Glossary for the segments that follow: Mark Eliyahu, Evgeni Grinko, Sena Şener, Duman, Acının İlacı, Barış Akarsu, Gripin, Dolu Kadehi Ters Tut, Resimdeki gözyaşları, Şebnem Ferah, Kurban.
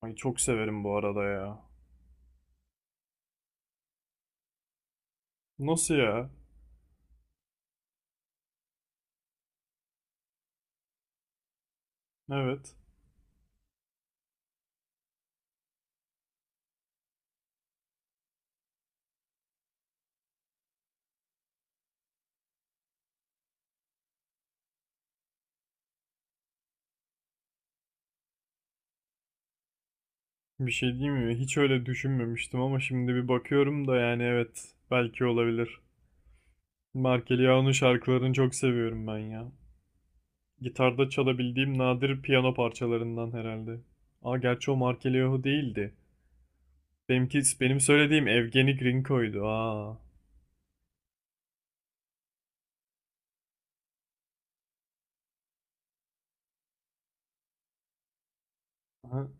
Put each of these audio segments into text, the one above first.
Ay çok severim bu arada ya. Nasıl ya? Evet. Bir şey diyeyim mi? Hiç öyle düşünmemiştim ama şimdi bir bakıyorum da yani evet. Belki olabilir. Mark Eliyahu'nun şarkılarını çok seviyorum ben ya. Gitarda çalabildiğim nadir piyano parçalarından herhalde. Aa, gerçi o Mark Eliyahu değildi. Benimki, benim söylediğim Evgeni Grinko'ydu. Aa. Aha.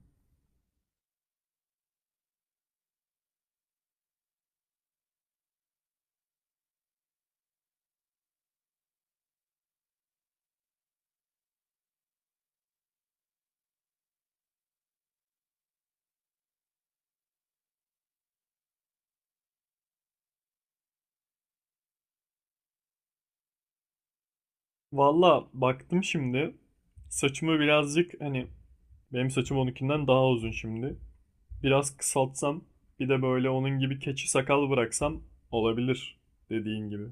Valla baktım şimdi. Saçımı birazcık hani benim saçım onunkinden daha uzun şimdi. Biraz kısaltsam, bir de böyle onun gibi keçi sakal bıraksam olabilir dediğin gibi.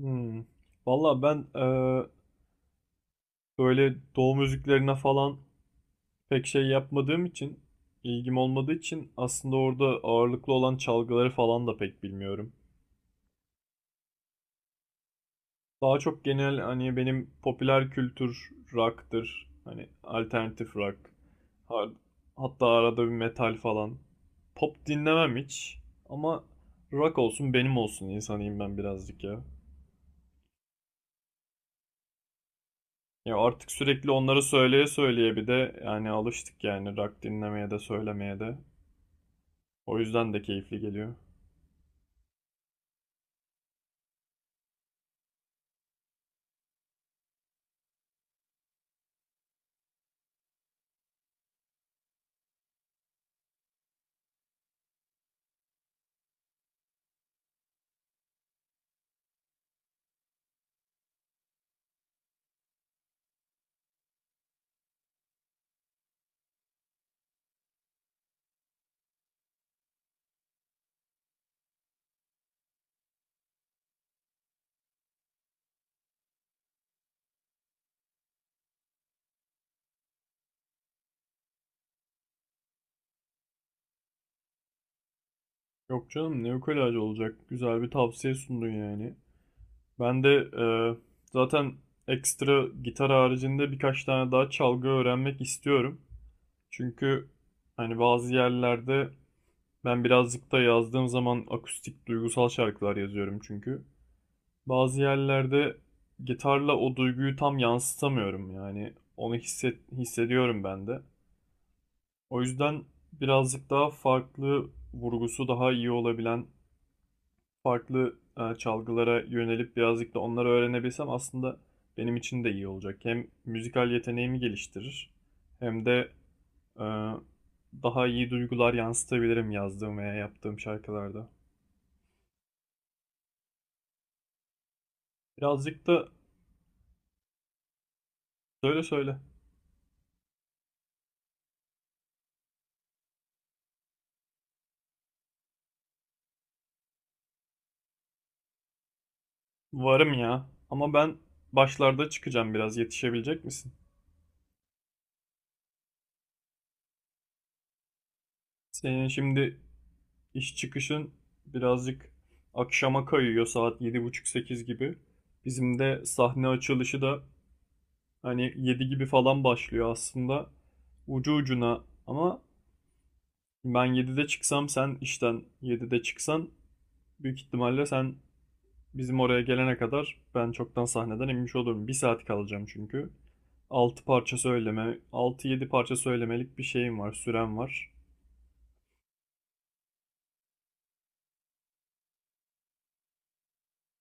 Hmm. Valla ben böyle doğu müziklerine falan pek şey yapmadığım için, ilgim olmadığı için aslında orada ağırlıklı olan çalgıları falan da pek bilmiyorum. Daha çok genel hani benim popüler kültür rock'tır. Hani alternatif rock. Hatta arada bir metal falan. Pop dinlemem hiç. Ama rock olsun benim olsun insanıyım ben birazcık ya. Ya artık sürekli onları söyleye söyleye bir de yani alıştık yani rock dinlemeye de söylemeye de. O yüzden de keyifli geliyor. Yok canım ne ukulaj olacak. Güzel bir tavsiye sundun yani. Ben de zaten ekstra gitar haricinde birkaç tane daha çalgı öğrenmek istiyorum. Çünkü hani bazı yerlerde ben birazcık da yazdığım zaman akustik duygusal şarkılar yazıyorum çünkü. Bazı yerlerde gitarla o duyguyu tam yansıtamıyorum yani onu hissediyorum ben de. O yüzden birazcık daha farklı vurgusu daha iyi olabilen farklı çalgılara yönelip birazcık da onları öğrenebilsem aslında benim için de iyi olacak. Hem müzikal yeteneğimi geliştirir hem de e, daha iyi duygular yansıtabilirim yazdığım veya yaptığım şarkılarda. Birazcık da. Söyle söyle. Varım ya. Ama ben başlarda çıkacağım biraz. Yetişebilecek misin? Senin şimdi iş çıkışın birazcık akşama kayıyor, saat yedi buçuk sekiz gibi. Bizim de sahne açılışı da hani 7 gibi falan başlıyor aslında. Ucu ucuna ama ben 7'de çıksam sen işten 7'de çıksan büyük ihtimalle sen bizim oraya gelene kadar ben çoktan sahneden inmiş olurum. Bir saat kalacağım çünkü. 6 parça söyleme, altı yedi parça söylemelik bir şeyim var, sürem var.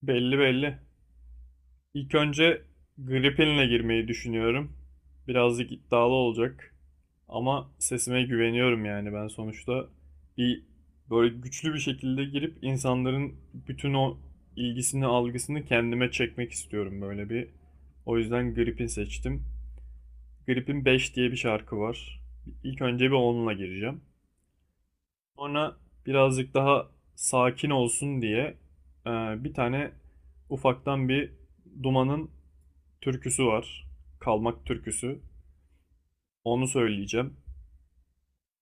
Belli belli. İlk önce Gripin'le girmeyi düşünüyorum. Birazcık iddialı olacak. Ama sesime güveniyorum yani ben sonuçta bir böyle güçlü bir şekilde girip insanların bütün o ilgisini, algısını kendime çekmek istiyorum böyle bir. O yüzden Gripin seçtim. Grip'in 5 diye bir şarkı var. İlk önce bir onunla gireceğim. Sonra birazcık daha sakin olsun diye e, bir tane ufaktan bir Duman'ın türküsü var. Kalmak türküsü. Onu söyleyeceğim.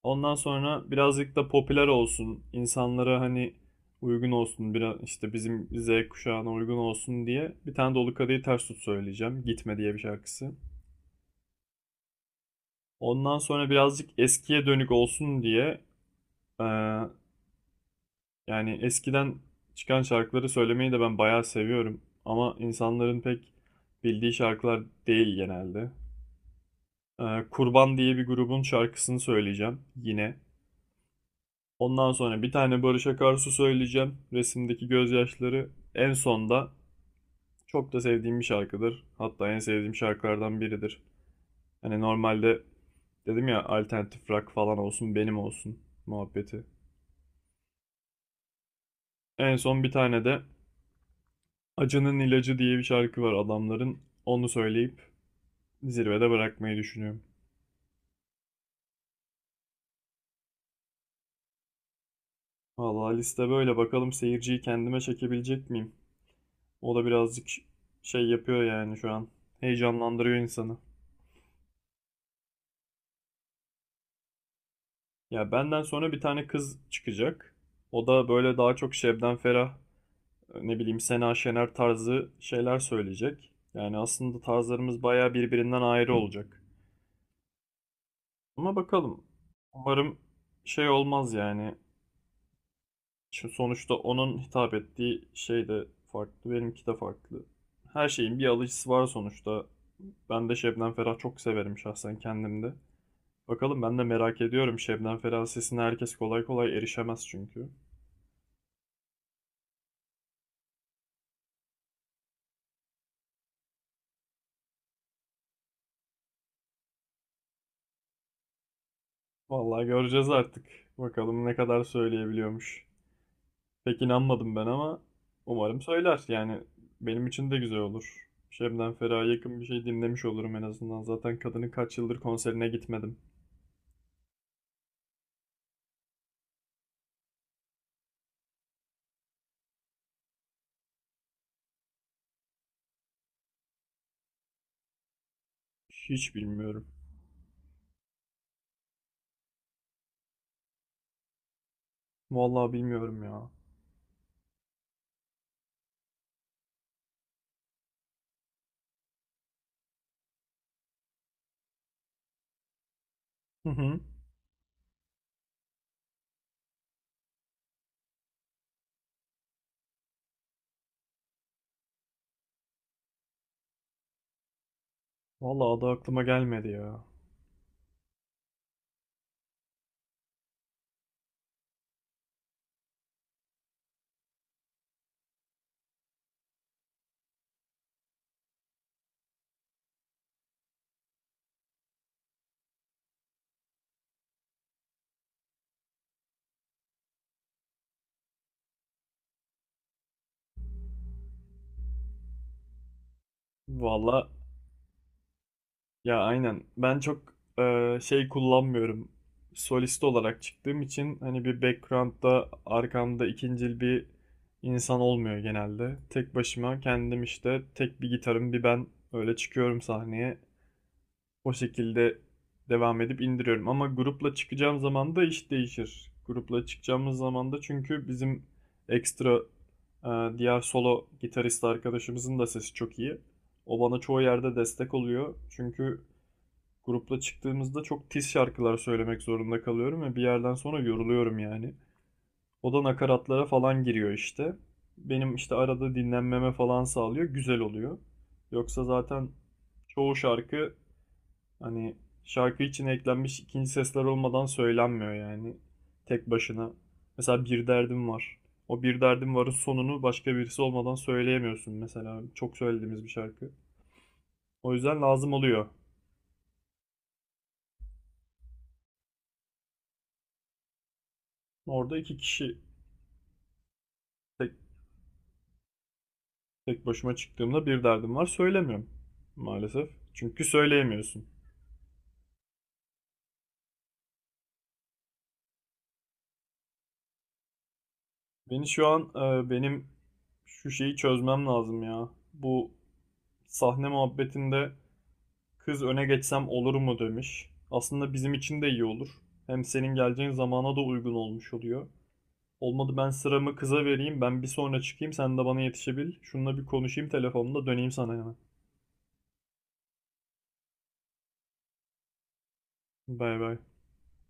Ondan sonra birazcık da popüler olsun, insanlara hani uygun olsun, biraz işte bizim Z kuşağına uygun olsun diye bir tane Dolu Kadehi Ters Tut söyleyeceğim. Gitme diye bir şarkısı. Ondan sonra birazcık eskiye dönük olsun diye eee yani eskiden çıkan şarkıları söylemeyi de ben bayağı seviyorum. Ama insanların pek bildiği şarkılar değil genelde. Kurban diye bir grubun şarkısını söyleyeceğim yine. Ondan sonra bir tane Barış Akarsu söyleyeceğim. Resimdeki gözyaşları en sonda, çok da sevdiğim bir şarkıdır. Hatta en sevdiğim şarkılardan biridir. Hani normalde dedim ya alternatif rock falan olsun benim olsun muhabbeti. En son bir tane de Acının İlacı diye bir şarkı var adamların. Onu söyleyip zirvede bırakmayı düşünüyorum. Vallahi liste böyle. Bakalım seyirciyi kendime çekebilecek miyim? O da birazcık şey yapıyor yani şu an. Heyecanlandırıyor insanı. Ya benden sonra bir tane kız çıkacak. O da böyle daha çok Şebnem Ferah, ne bileyim Sena Şener tarzı şeyler söyleyecek. Yani aslında tarzlarımız bayağı birbirinden ayrı olacak. Ama bakalım. Umarım şey olmaz yani. Şu sonuçta onun hitap ettiği şey de farklı, benimki de farklı. Her şeyin bir alıcısı var sonuçta. Ben de Şebnem Ferah çok severim şahsen kendimde. Bakalım ben de merak ediyorum. Şebnem Ferah sesine herkes kolay kolay erişemez çünkü. Vallahi göreceğiz artık. Bakalım ne kadar söyleyebiliyormuş. Pek inanmadım ben ama umarım söyler. Yani benim için de güzel olur. Şebnem Ferah'a yakın bir şey dinlemiş olurum en azından. Zaten kadının kaç yıldır konserine gitmedim. Hiç bilmiyorum. Vallahi bilmiyorum ya. Hı hı. Valla o da aklıma gelmedi ya. Valla ya aynen. Ben çok şey kullanmıyorum. Solist olarak çıktığım için hani bir background'da arkamda ikincil bir insan olmuyor genelde. Tek başıma kendim işte tek bir gitarım bir ben öyle çıkıyorum sahneye. O şekilde devam edip indiriyorum. Ama grupla çıkacağım zaman da iş değişir. Grupla çıkacağımız zaman da çünkü bizim ekstra diğer solo gitarist arkadaşımızın da sesi çok iyi. O bana çoğu yerde destek oluyor. Çünkü grupla çıktığımızda çok tiz şarkılar söylemek zorunda kalıyorum ve bir yerden sonra yoruluyorum yani. O da nakaratlara falan giriyor işte. Benim işte arada dinlenmeme falan sağlıyor. Güzel oluyor. Yoksa zaten çoğu şarkı, hani şarkı için eklenmiş ikinci sesler olmadan söylenmiyor yani. Tek başına. Mesela bir derdim var. O bir derdim varın sonunu başka birisi olmadan söyleyemiyorsun mesela. Çok söylediğimiz bir şarkı. O yüzden lazım oluyor. Orada 2 kişi tek, tek başıma çıktığımda bir derdim var söylemiyorum maalesef. Çünkü söyleyemiyorsun. Beni şu an benim şu şeyi çözmem lazım ya. Bu sahne muhabbetinde kız öne geçsem olur mu demiş. Aslında bizim için de iyi olur. Hem senin geleceğin zamana da uygun olmuş oluyor. Olmadı ben sıramı kıza vereyim. Ben bir sonra çıkayım. Sen de bana yetişebil. Şununla bir konuşayım telefonda. Döneyim sana hemen. Bay bay.